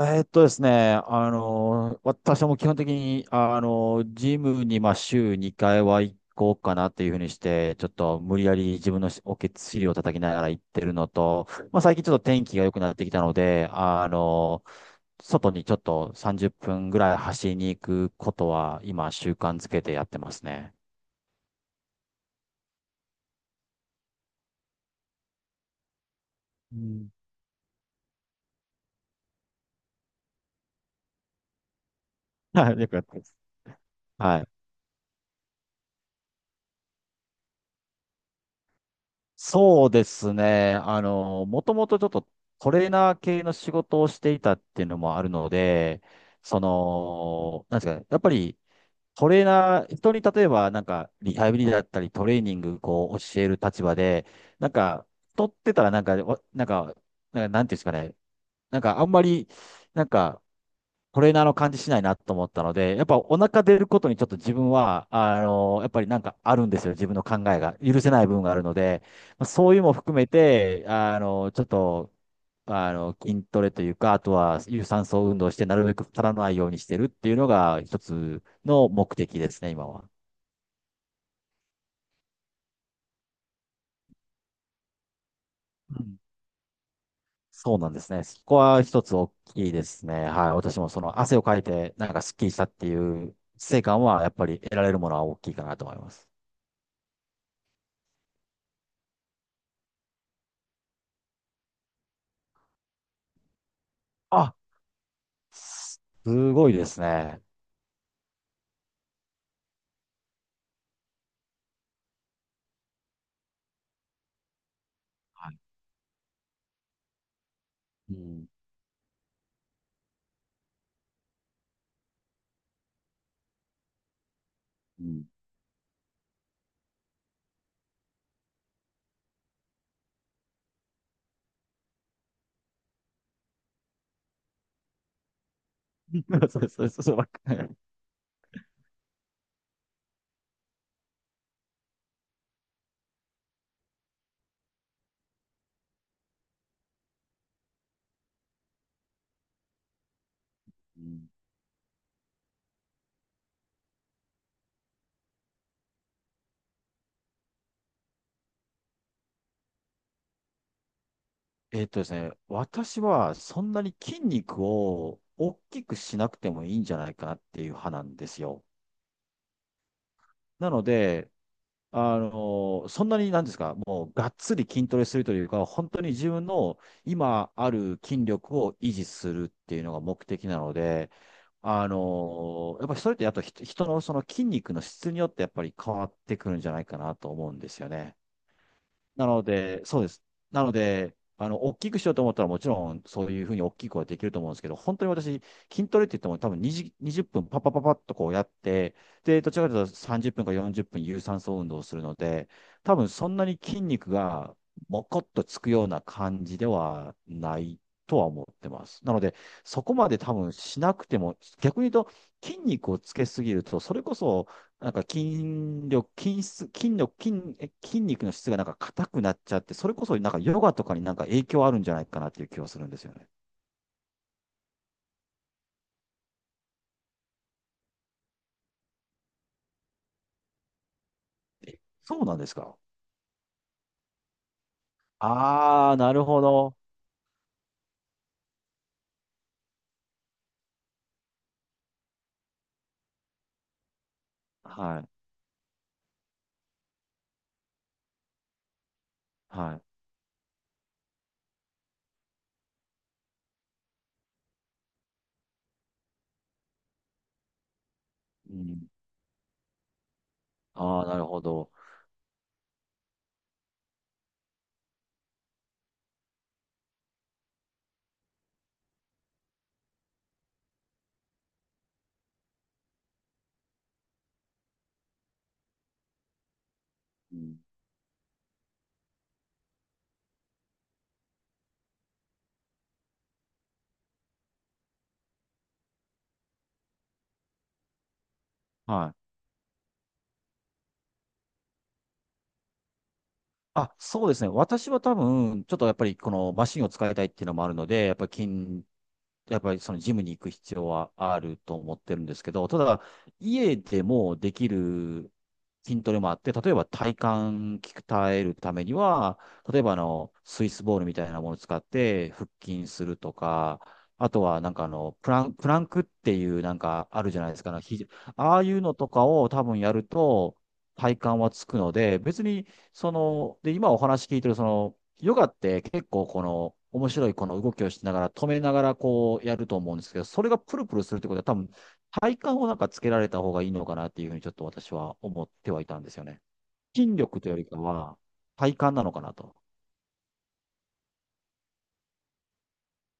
ですね、あの、私はもう基本的に、ジムに、週2回は行こうかなっていうふうにして、ちょっと無理やり自分のおけつ尻を叩きながら行ってるのと、まあ、最近ちょっと天気が良くなってきたので、外にちょっと30分ぐらい走りに行くことは、今、習慣づけてやってますね。うん。はい、よくやってます。はい。そうですね。もともとちょっとトレーナー系の仕事をしていたっていうのもあるので、その、なんですかね、やっぱりトレーナー、人に例えばなんかリハビリだったりトレーニングこう教える立場で、なんか、取ってたらなんか、わなんか、なんかなんていうんですかね、なんかあんまり、なんか、トレーナーの感じしないなと思ったので、やっぱお腹出ることにちょっと自分は、あの、やっぱりなんかあるんですよ。自分の考えが。許せない部分があるので、まあそういうのも含めて、あの、ちょっと、筋トレというか、あとは有酸素運動して、なるべく足らないようにしてるっていうのが一つの目的ですね、今は。うん。そうなんですね。そこは一つ大きいですね。はい。私もその汗をかいて、なんかスッキリしたっていう成果は、やっぱり得られるものは大きいかなと思います。あ、すごいですね。はい。うん。うん。そうそうそうそう、わかんない。うん。えっとですね、私はそんなに筋肉を大きくしなくてもいいんじゃないかなっていう派なんですよ。なので、そんなになんですか、もうがっつり筋トレするというか、本当に自分の今ある筋力を維持するっていうのが目的なので、やっぱりそれってあと人のその筋肉の質によってやっぱり変わってくるんじゃないかなと思うんですよね。なので、そうです。なので、大きくしようと思ったら、もちろん、そういうふうに大きくはできると思うんですけど、本当に私、筋トレって言っても、多分20分、パッパッパッパッとこうやって、で、どちらかというと30分か40分、有酸素運動をするので、多分そんなに筋肉が、もこっとつくような感じではないとは思ってます。なので、そこまで多分しなくても、逆に言うと、筋肉をつけすぎると、それこそ、なんか筋力、筋質、筋力、筋、え筋肉の質がなんか硬くなっちゃって、それこそなんかヨガとかになんか影響あるんじゃないかなっていう気はするんですよね。え、そうなんですか？ああー、なるほど。はい。はい。うん、ああ、なるほど。うん、はい。あ、そうですね。私は多分、ちょっとやっぱりこのマシンを使いたいっていうのもあるので、やっぱりそのジムに行く必要はあると思ってるんですけど、ただ、家でもできる筋トレもあって、例えば体幹鍛えるためには、例えばスイスボールみたいなものを使って腹筋するとか、あとはなんかあの、プランクっていうなんかあるじゃないですか、あのひじ、ああいうのとかを多分やると体幹はつくので、別にで、今お話聞いてる、その、ヨガって結構この、面白いこの動きをしながら、止めながらこうやると思うんですけど、それがプルプルするってことは多分、体幹をなんかつけられた方がいいのかなっていうふうにちょっと私は思ってはいたんですよね。筋力というよりかは、体幹なのかなと。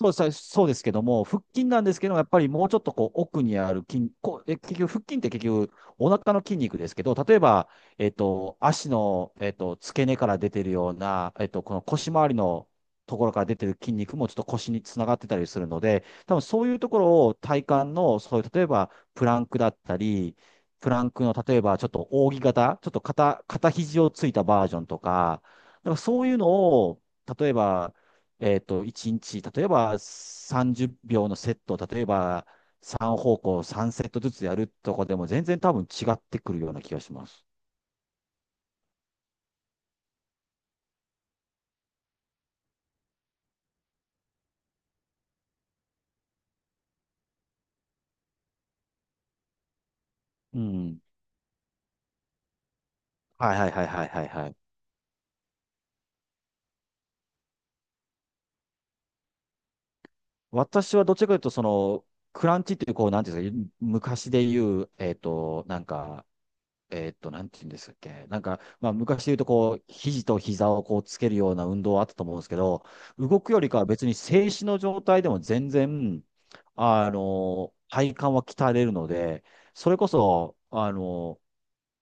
そうさ、そうですけども、腹筋なんですけども、やっぱりもうちょっとこう奥にある筋、こう、え、結局、腹筋って結局、お腹の筋肉ですけど、例えば、えっと、足の、えっと、付け根から出てるような、えっと、この腰回りのところから出てる筋肉もちょっと腰につながってたりするので、多分そういうところを体幹の、そういう、例えば、プランクだったり、プランクの、例えば、ちょっと扇形、ちょっと肩、肩肘をついたバージョンとか、なんかそういうのを、例えば、えっと、1日、例えば30秒のセットを、例えば3方向3セットずつやるとかでも全然多分違ってくるような気がします。うん。はいはいはいはいはいはい。私はどっちかというと、その、クランチっていう、こう、なんていうんですか、昔で言う、えっと、なんか、えーっと、なんて言うんですっけ。なんか、まあ、昔で言うと、こう、肘と膝をこうつけるような運動はあったと思うんですけど、動くよりかは別に静止の状態でも全然、体幹は鍛えれるので、それこそ、あの、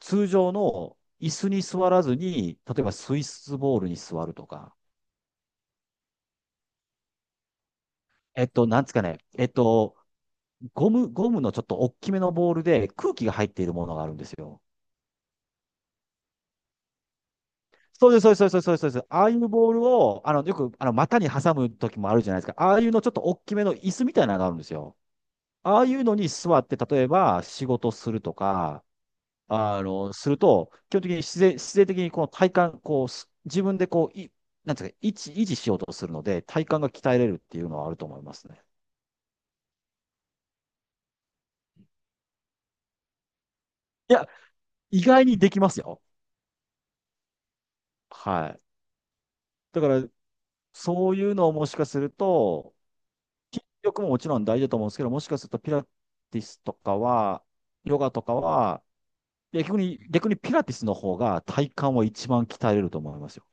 通常の椅子に座らずに、例えばスイスボールに座るとか、えっと、なんですかね、えっと、ゴムのちょっと大きめのボールで空気が入っているものがあるんですよ。そうです、そうです、そうです、そうです。そうです、ああいうボールを、あの、よく、あの、股に挟む時もあるじゃないですか。ああいうのちょっと大きめの椅子みたいなのがあるんですよ。ああいうのに座って、例えば仕事するとか、あの、すると、基本的に自然的にこの体幹、こう、す自分でこう、い、なんていうか、維持しようとするので、体幹が鍛えれるっていうのはあると思いますね。いや、意外にできますよ。はい。だから、そういうのをもしかすると、筋力ももちろん大事だと思うんですけど、もしかするとピラティスとかは、ヨガとかは、逆にピラティスの方が体幹は一番鍛えれると思いますよ。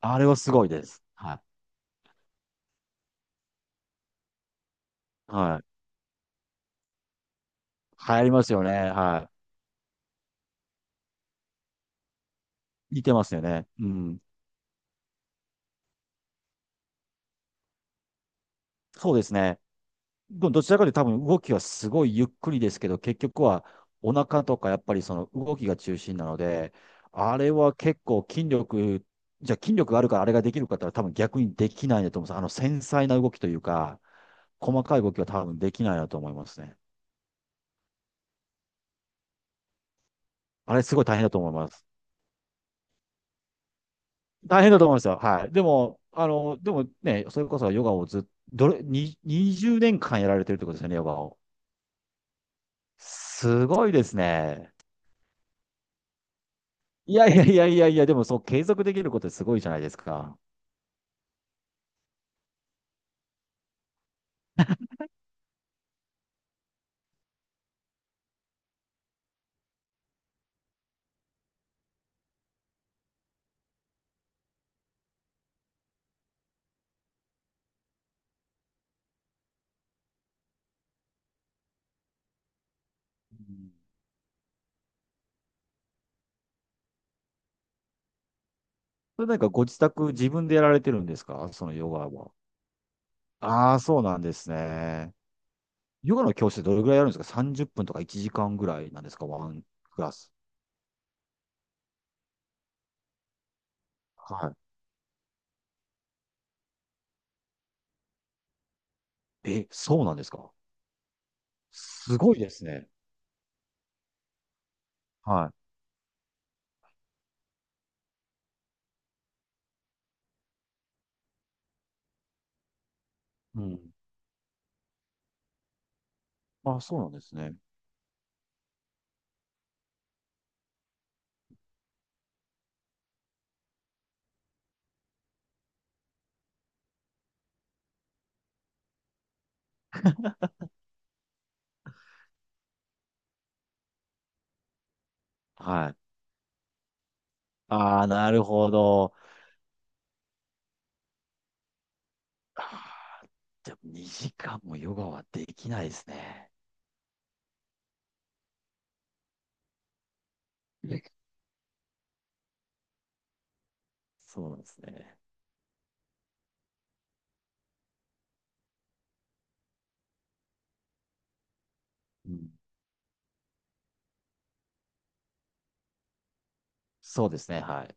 あれはすごいです。はい。はい。流行りますよね。はい。似てますよね。うん。そうですね。どちらかというと多分動きはすごいゆっくりですけど、結局はお腹とかやっぱりその動きが中心なので、あれは結構筋力、じゃあ筋力があるからあれができるかって言ったら多分逆にできないんだと思うんです。あの繊細な動きというか、細かい動きは多分できないなと思いますね。あれすごい大変だと思います。大変だと思いますよ。はい。でも、あの、でもね、それこそヨガをずっと、どれ、に20年間やられてるってことですよね、ヨガを。すごいですね。いやいやいやいやいや、でもそう継続できることってすごいじゃないですか。うん。それなんかご自宅自分でやられてるんですかそのヨガは。ああ、そうなんですね。ヨガの教室ってどれぐらいやるんですか？ 30 分とか1時間ぐらいなんですか、ワンクラス。はい。え、そうなんですか？すごいですね。はい。うん。あ、そうなんですね。はい。ああ、なるほど。あー、でも2時間もヨガはできないですね。そうなんですね。うん。そうですね。はい。